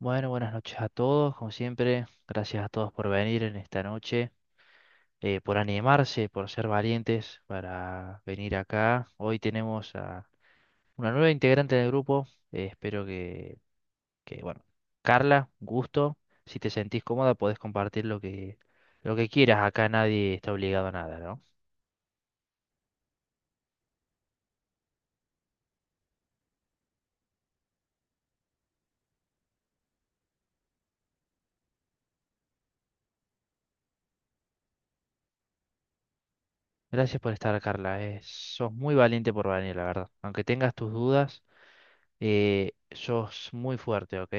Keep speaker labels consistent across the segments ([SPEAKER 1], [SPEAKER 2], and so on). [SPEAKER 1] Bueno, buenas noches a todos, como siempre. Gracias a todos por venir en esta noche, por animarse, por ser valientes para venir acá. Hoy tenemos a una nueva integrante del grupo. Espero que, bueno, Carla, un gusto. Si te sentís cómoda, podés compartir lo que quieras. Acá nadie está obligado a nada, ¿no? Gracias por estar, Carla. Sos muy valiente por venir, la verdad. Aunque tengas tus dudas, sos muy fuerte, ¿ok?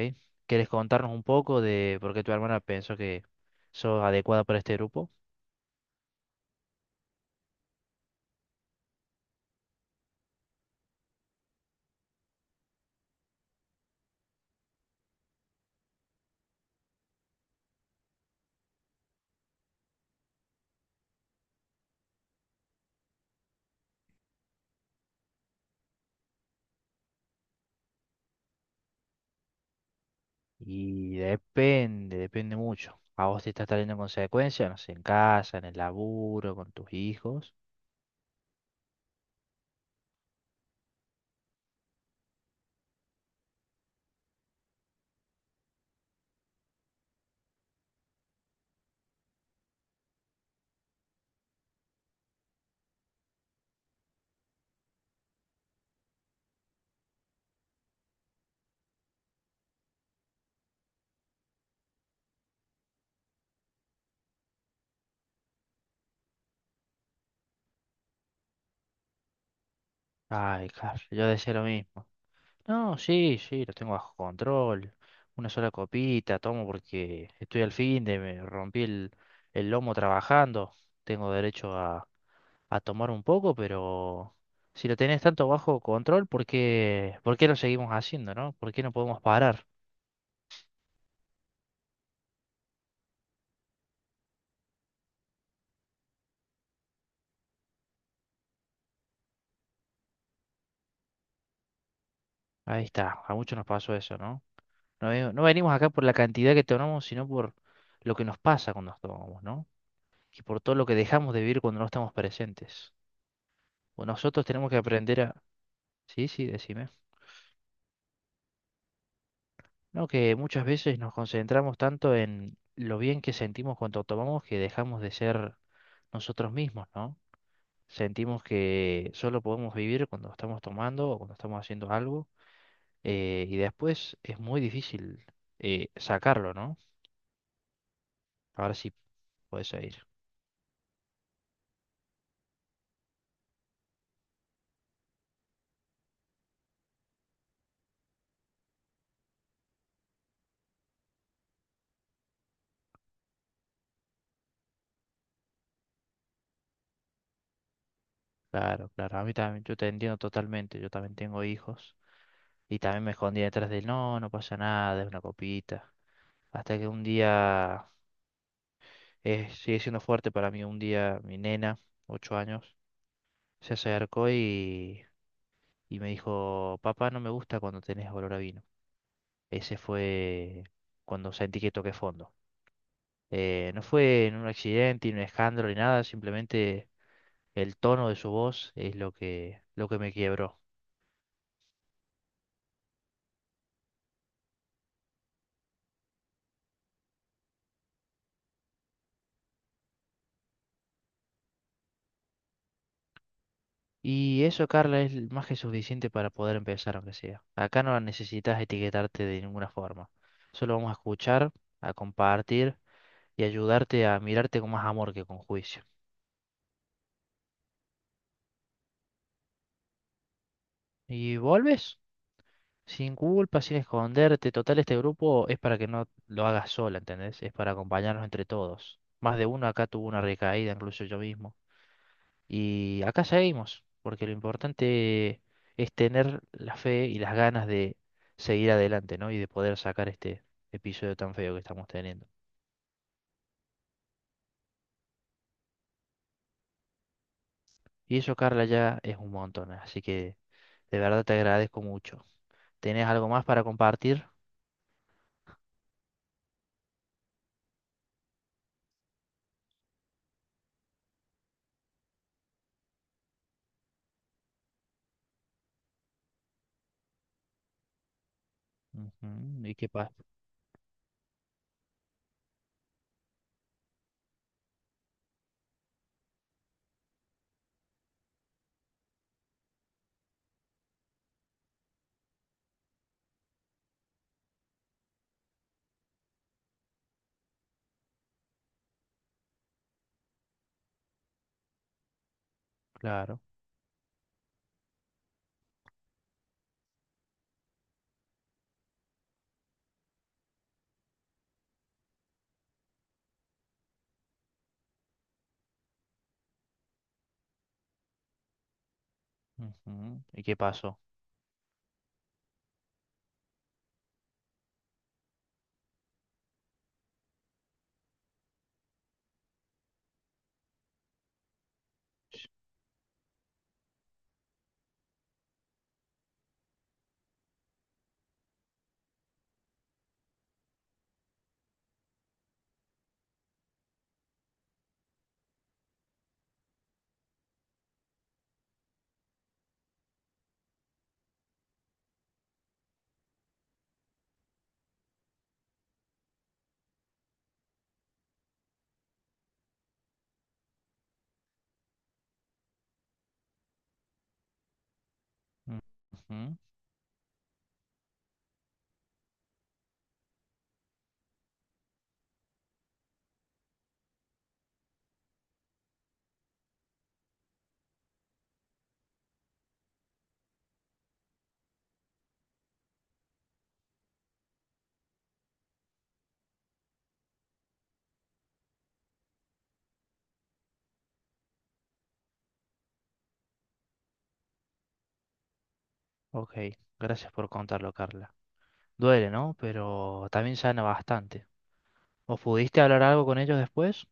[SPEAKER 1] ¿Quieres contarnos un poco de por qué tu hermana pensó que sos adecuada para este grupo? Y depende, depende mucho. A vos te está trayendo consecuencias, no sé, en casa, en el laburo, con tus hijos. Ay, claro, yo decía lo mismo. No, sí, sí, lo tengo bajo control. Una sola copita tomo porque estoy al fin de, me rompí el lomo trabajando. Tengo derecho a tomar un poco, pero si lo tenés tanto bajo control, ¿por qué lo seguimos haciendo, ¿no? ¿Por qué no podemos parar? Ahí está, a muchos nos pasó eso, ¿no? No venimos acá por la cantidad que tomamos, sino por lo que nos pasa cuando nos tomamos, ¿no? Y por todo lo que dejamos de vivir cuando no estamos presentes. O nosotros tenemos que aprender a... Sí, sí, decime. No, que muchas veces nos concentramos tanto en lo bien que sentimos cuando tomamos que dejamos de ser nosotros mismos, ¿no? Sentimos que solo podemos vivir cuando estamos tomando o cuando estamos haciendo algo, y después es muy difícil sacarlo, ¿no? Ahora sí puedes ir. Claro, claro. A mí también, yo te entiendo totalmente. Yo también tengo hijos y también me escondí detrás del no, no pasa nada, es una copita. Hasta que un día, sigue siendo fuerte para mí, un día mi nena, 8 años, se acercó y me dijo, papá, no me gusta cuando tenés olor a vino. Ese fue cuando sentí que toqué fondo. No fue en un accidente, ni un escándalo, ni nada, simplemente el tono de su voz es lo que me quebró. Y eso, Carla, es más que suficiente para poder empezar, aunque sea. Acá no necesitas etiquetarte de ninguna forma. Solo vamos a escuchar, a compartir y ayudarte a mirarte con más amor que con juicio. ¿Y vuelves? Sin culpa, sin esconderte. Total, este grupo es para que no lo hagas sola, ¿entendés? Es para acompañarnos entre todos. Más de uno acá tuvo una recaída, incluso yo mismo. Y acá seguimos, porque lo importante es tener la fe y las ganas de seguir adelante, ¿no? Y de poder sacar este episodio tan feo que estamos teniendo. Y eso, Carla, ya es un montón, así que de verdad te agradezco mucho. ¿Tenés algo más para compartir? Ujú. ¿Y qué pasó? Claro. Ujú. ¿Y qué pasó? Ujú. Ok, gracias por contarlo, Carla. Duele, ¿no? Pero también sana bastante. ¿O pudiste hablar algo con ellos después?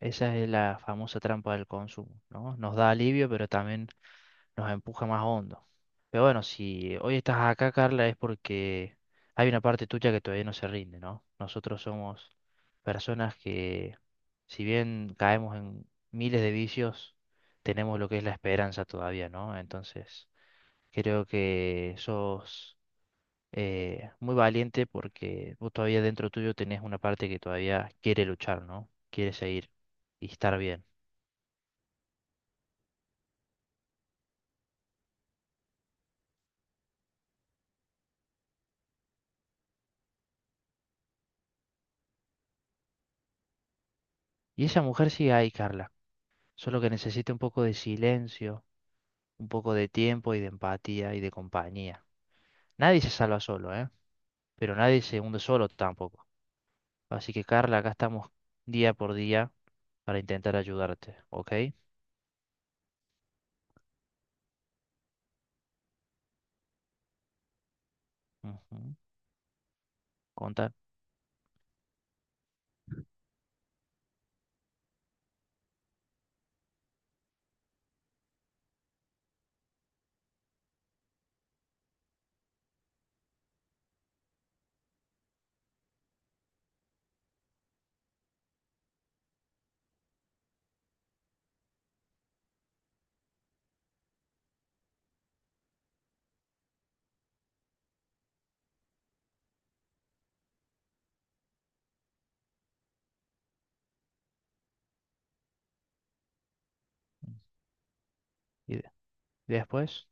[SPEAKER 1] Esa es la famosa trampa del consumo, ¿no? Nos da alivio, pero también nos empuja más hondo. Pero bueno, si hoy estás acá, Carla, es porque hay una parte tuya que todavía no se rinde, ¿no? Nosotros somos personas que, si bien caemos en miles de vicios, tenemos lo que es la esperanza todavía, ¿no? Entonces, creo que sos muy valiente porque vos todavía dentro tuyo tenés una parte que todavía quiere luchar, ¿no? Quiere seguir y estar bien. Y esa mujer sigue ahí, Carla, solo que necesita un poco de silencio, un poco de tiempo y de empatía y de compañía. Nadie se salva solo, ¿eh? Pero nadie se hunde solo tampoco. Así que, Carla, acá estamos día por día para intentar ayudarte, ¿ok? Ujú. Contar. ¿Y de- después?